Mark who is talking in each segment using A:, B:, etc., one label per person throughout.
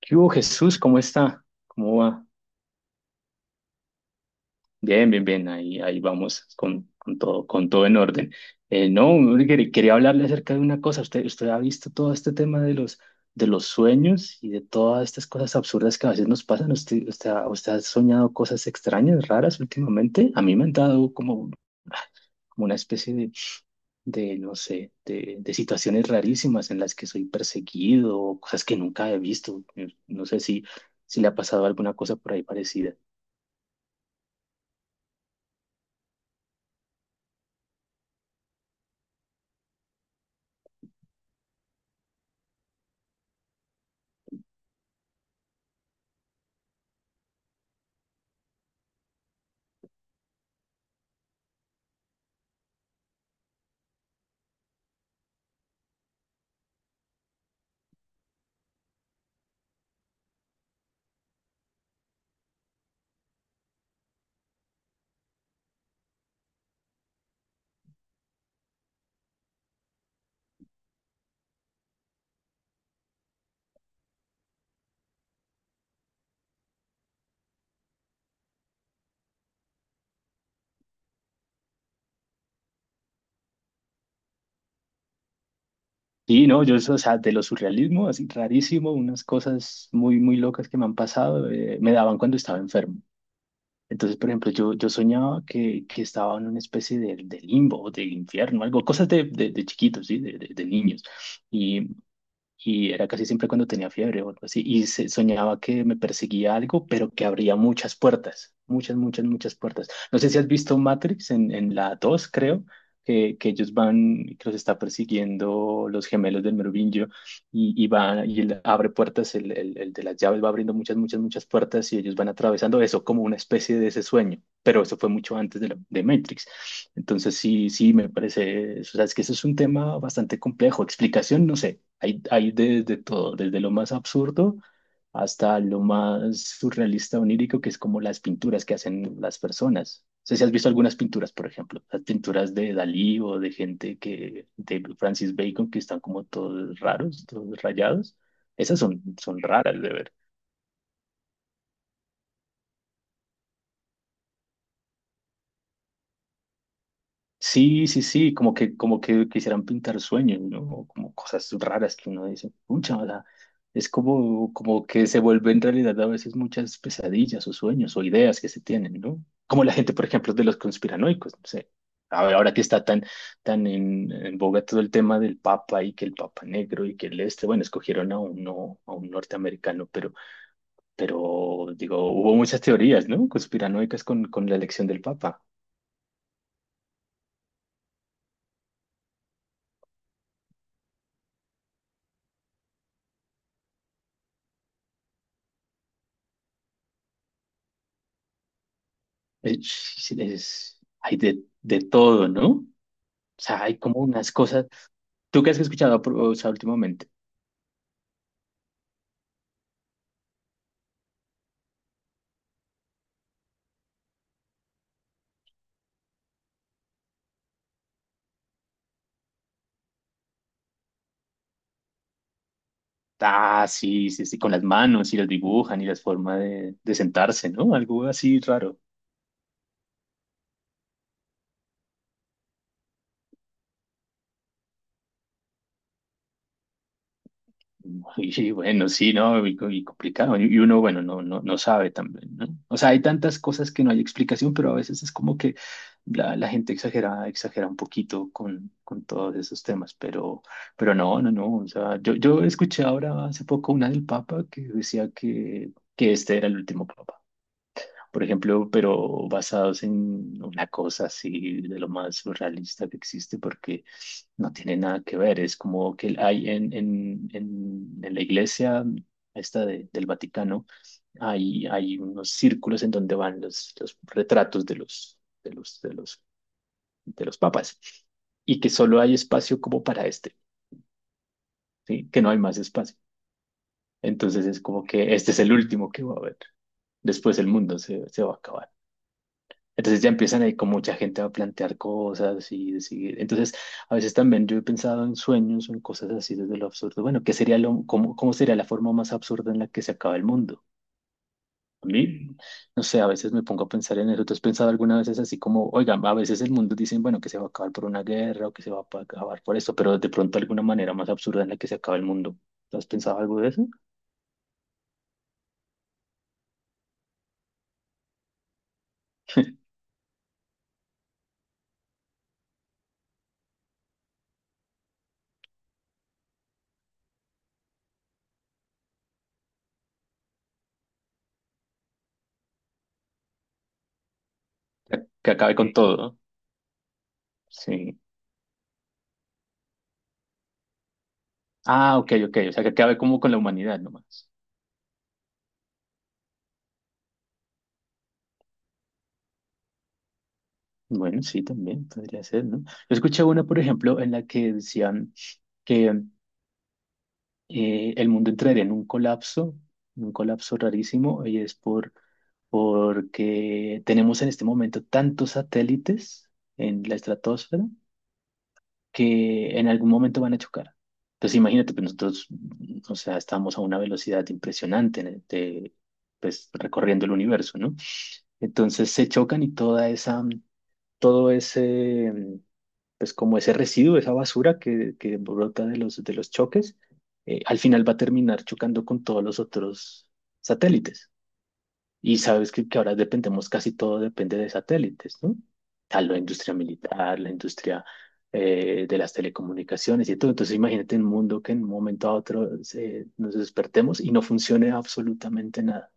A: ¿Qué hubo, Jesús? ¿Cómo está? ¿Cómo va? Bien, bien, bien. Ahí vamos con todo, con todo en orden. No, hombre, quería hablarle acerca de una cosa. Usted ha visto todo este tema de de los sueños y de todas estas cosas absurdas que a veces nos pasan. Usted ha soñado cosas extrañas, raras últimamente? A mí me han dado como una especie no sé, de situaciones rarísimas en las que soy perseguido o cosas que nunca he visto. No sé si le ha pasado alguna cosa por ahí parecida. Sí, no, yo, o sea, de lo surrealismo, así rarísimo, unas cosas muy, muy locas que me han pasado, me daban cuando estaba enfermo. Entonces, por ejemplo, yo soñaba que estaba en una especie de limbo, de infierno, algo, cosas de chiquitos, ¿sí? De niños. Y, y era casi siempre cuando tenía fiebre o algo así, y soñaba que me perseguía algo, pero que abría muchas puertas, muchas, muchas, muchas puertas. No sé si has visto Matrix en la 2 creo, que ellos van, que los está persiguiendo los gemelos del Merovingio, y va, y él abre puertas, el de las llaves va abriendo muchas, muchas, muchas puertas, y ellos van atravesando eso como una especie de ese sueño. Pero eso fue mucho antes de Matrix. Entonces, sí, sí, me parece, o sea, es que eso es un tema bastante complejo. Explicación, no sé. Hay desde todo, desde lo más absurdo hasta lo más surrealista, onírico, que es como las pinturas que hacen las personas. No sé si has visto algunas pinturas, por ejemplo, las pinturas de Dalí o de gente que, de Francis Bacon, que están como todos raros, todos rayados. Esas son, son raras de ver. Sí, sí, sí, como que quisieran pintar sueños, ¿no? O como cosas raras que uno dice, pucha, o sea, es como, como que se vuelven en realidad a veces muchas pesadillas o sueños o ideas que se tienen, ¿no? Como la gente, por ejemplo, de los conspiranoicos, no sé. A ver, ahora que está tan, tan en boga todo el tema del Papa y que el Papa negro y que el este, bueno, escogieron a uno, a un norteamericano, pero digo, hubo muchas teorías, ¿no? Conspiranoicas con la elección del Papa. Es, hay de todo, ¿no? O sea, hay como unas cosas. ¿Tú qué has escuchado, o sea, últimamente? Ah, sí, sí, sí, con las manos y las dibujan y las formas de sentarse, ¿no? Algo así raro. Y bueno, sí, ¿no? Y complicado. Y uno, bueno, no, no, no sabe también, ¿no? O sea, hay tantas cosas que no hay explicación, pero a veces es como que la gente exagera, exagera un poquito con todos esos temas, pero no, no, no. O sea, yo escuché ahora hace poco una del Papa que decía que este era el último Papa. Por ejemplo, pero basados en una cosa así de lo más surrealista que existe, porque no tiene nada que ver, es como que hay en la iglesia esta del Vaticano, hay unos círculos en donde van los retratos de de los, de los, de los papas y que solo hay espacio como para este, ¿sí? Que no hay más espacio. Entonces es como que este es el último que va a haber. Después el mundo se va a acabar. Entonces ya empiezan ahí con mucha gente a plantear cosas y decir, entonces a veces también yo he pensado en sueños o en cosas así desde lo absurdo. Bueno, ¿qué sería lo, cómo, cómo sería la forma más absurda en la que se acaba el mundo? A mí, no sé, a veces me pongo a pensar en eso. ¿Tú has pensado alguna vez así como, oigan, a veces el mundo dicen, bueno, que se va a acabar por una guerra o que se va a acabar por esto, pero de pronto alguna manera más absurda en la que se acaba el mundo? ¿Tú has pensado algo de eso? Que acabe con sí todo, ¿no? Sí. Ah, ok, ok, o sea, que acabe como con la humanidad nomás. Bueno, sí, también podría ser, ¿no? Yo escuché una, por ejemplo, en la que decían que el mundo entraría en un colapso rarísimo, y es por, porque tenemos en este momento tantos satélites en la estratosfera que en algún momento van a chocar. Entonces, imagínate, pues nosotros, o sea, estamos a una velocidad impresionante, pues recorriendo el universo, ¿no? Entonces se chocan y toda esa todo ese, pues como ese residuo, esa basura que brota de de los choques, al final va a terminar chocando con todos los otros satélites. Y sabes que ahora dependemos, casi todo depende de satélites, ¿no? A la industria militar, la industria de las telecomunicaciones y todo. Entonces imagínate un mundo que en un momento a otro nos despertemos y no funcione absolutamente nada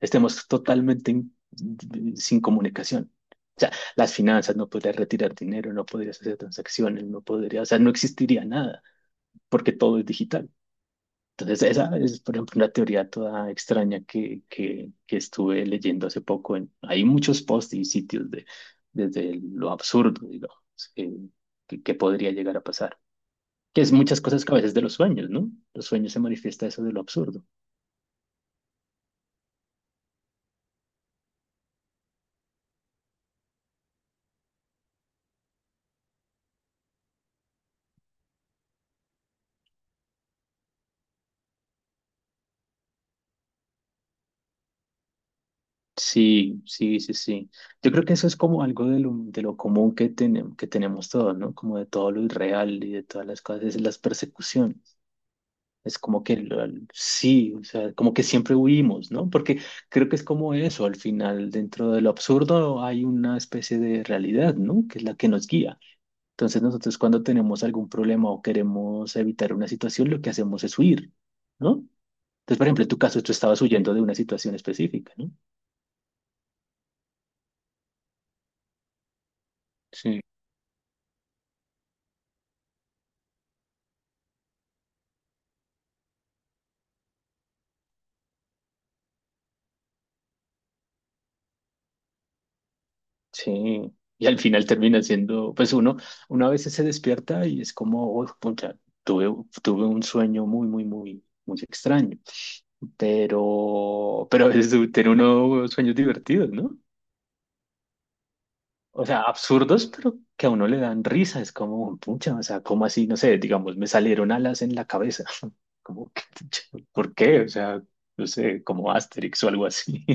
A: estemos totalmente sin comunicación. O sea, las finanzas, no podrías retirar dinero, no podrías hacer transacciones, no podrías, o sea, no existiría nada, porque todo es digital. Entonces, esa es, por ejemplo, una teoría toda extraña que estuve leyendo hace poco. En, hay muchos posts y sitios de, desde lo absurdo, digamos, que, que podría llegar a pasar. Que es muchas cosas que a veces de los sueños, ¿no? Los sueños se manifiesta eso de lo absurdo. Sí, sí, sí, sí. Yo creo que eso es como algo de lo común que, que tenemos todos, ¿no? Como de todo lo irreal y de todas las cosas, es las persecuciones. Es como que sí, o sea, como que siempre huimos, ¿no? Porque creo que es como eso, al final, dentro de lo absurdo hay una especie de realidad, ¿no? Que es la que nos guía. Entonces nosotros cuando tenemos algún problema o queremos evitar una situación, lo que hacemos es huir, ¿no? Entonces, por ejemplo, en tu caso, tú estabas huyendo de una situación específica, ¿no? Sí, y al final termina siendo, pues uno, uno a veces se despierta y es como, "Uy, pucha, tuve, tuve un sueño muy, muy, muy, muy extraño, pero a veces tiene uno sueños divertidos, ¿no? O sea, absurdos, pero que a uno le dan risa, es como, pucha, o sea, como así, no sé, digamos, me salieron alas en la cabeza, como, que, pucha, ¿por qué? O sea, no sé, como Asterix o algo así.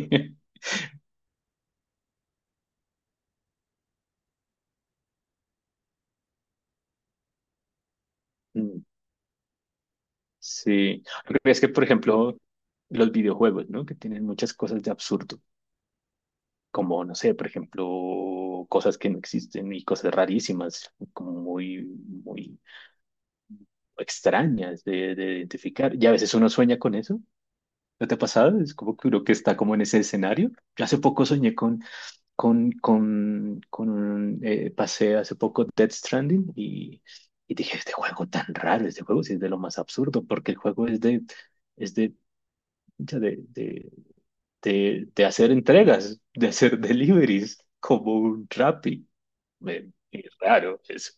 A: Sí, lo que es que, por ejemplo, los videojuegos, ¿no? Que tienen muchas cosas de absurdo, como, no sé, por ejemplo, cosas que no existen y cosas rarísimas, como muy, muy extrañas de identificar. Y a veces uno sueña con eso, ¿no te ha pasado? Es como que uno que está como en ese escenario. Yo hace poco soñé con un, pasé hace poco Death Stranding y dije, este juego tan raro, este juego sí es de lo más absurdo, porque el juego es de... Es de pucha, de hacer entregas, de hacer deliveries como un Rappi. Es raro eso.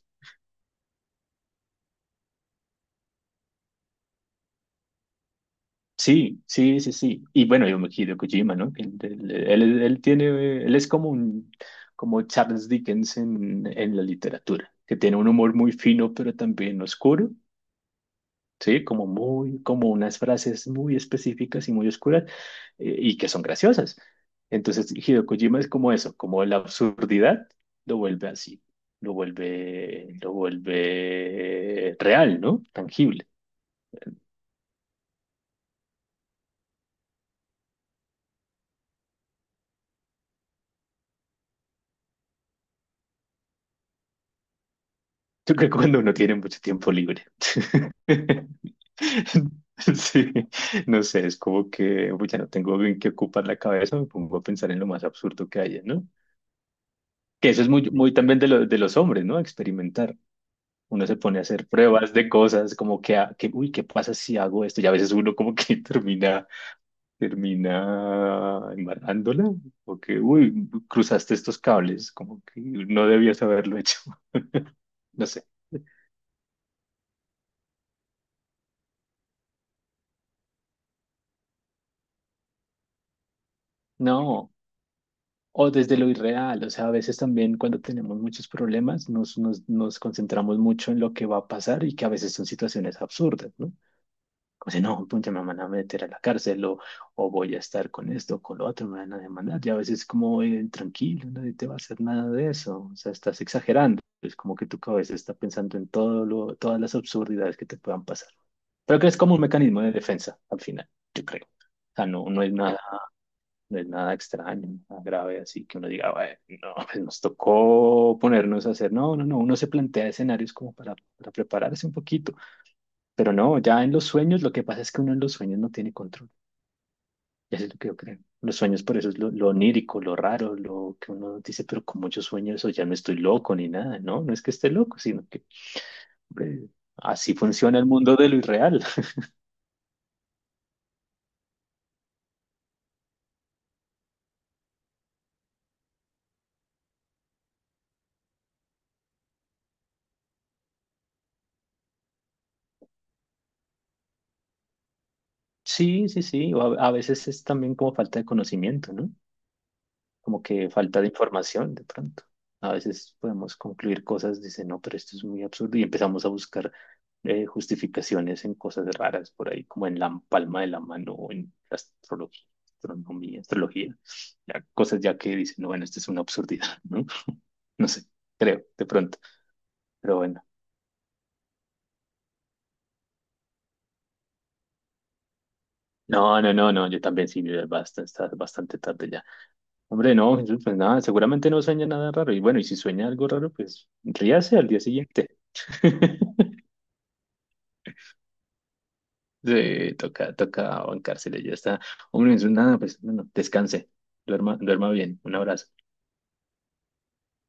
A: Sí, sí, sí, sí. Y bueno, yo me quiero Kojima, ¿no? Que él tiene, él es como un, como Charles Dickens en la literatura, que tiene un humor muy fino, pero también oscuro. Sí, como muy, como unas frases muy específicas y muy oscuras y que son graciosas. Entonces, Hideo Kojima es como eso, como la absurdidad lo vuelve así, lo vuelve real, ¿no? Tangible. Yo creo que cuando uno tiene mucho tiempo libre. Sí, no sé, es como que uy, ya no tengo bien que ocupar la cabeza, me pongo a pensar en lo más absurdo que haya, ¿no? Que eso es muy, muy también de, de los hombres, ¿no? Experimentar. Uno se pone a hacer pruebas de cosas, como que, que uy, ¿qué pasa si hago esto? Y a veces uno como que termina, termina embarrándola, o que, uy, cruzaste estos cables, como que no debías haberlo hecho. No sé. No, o desde lo irreal, o sea, a veces también cuando tenemos muchos problemas nos concentramos mucho en lo que va a pasar y que a veces son situaciones absurdas, ¿no? O sea, no, pucha, me van a meter a la cárcel o voy a estar con esto con lo otro, me van a demandar. Y a veces como, tranquilo, nadie te va a hacer nada de eso. O sea, estás exagerando. Es como que tu cabeza está pensando en todo lo, todas las absurdidades que te puedan pasar. Pero que es como un mecanismo de defensa, al final, yo creo. O sea, no, no es nada extraño, nada grave, así que uno diga, bueno, no, pues nos tocó ponernos a hacer. No, no, no, uno se plantea escenarios como para prepararse un poquito pero no, ya en los sueños, lo que pasa es que uno en los sueños no tiene control. Y eso es lo que yo creo. Los sueños, por eso es lo onírico, lo raro, lo que uno dice, pero como yo sueño eso, ya no estoy loco ni nada, ¿no? No es que esté loco, sino que, hombre, así funciona el mundo de lo irreal. Sí, sí, sí. O a veces es también como falta de conocimiento, ¿no? Como que falta de información de pronto. A veces podemos concluir cosas, dice, no, pero esto es muy absurdo y empezamos a buscar justificaciones en cosas raras por ahí, como en la palma de la mano o en la astrología, astronomía, astrología, ya, cosas ya que dicen, no, bueno, esto es una absurdidad, ¿no? No sé, creo, de pronto, pero bueno. No, no, no, no, yo también sí, ya bastante, está bastante tarde ya. Hombre, no, Jesús, pues nada, seguramente no sueña nada raro. Y bueno, y si sueña algo raro, pues ríase al día siguiente. Sí, toca, toca bancarse, ya está. Hombre, Jesús, nada, pues bueno, descanse, duerma, duerma bien, un abrazo.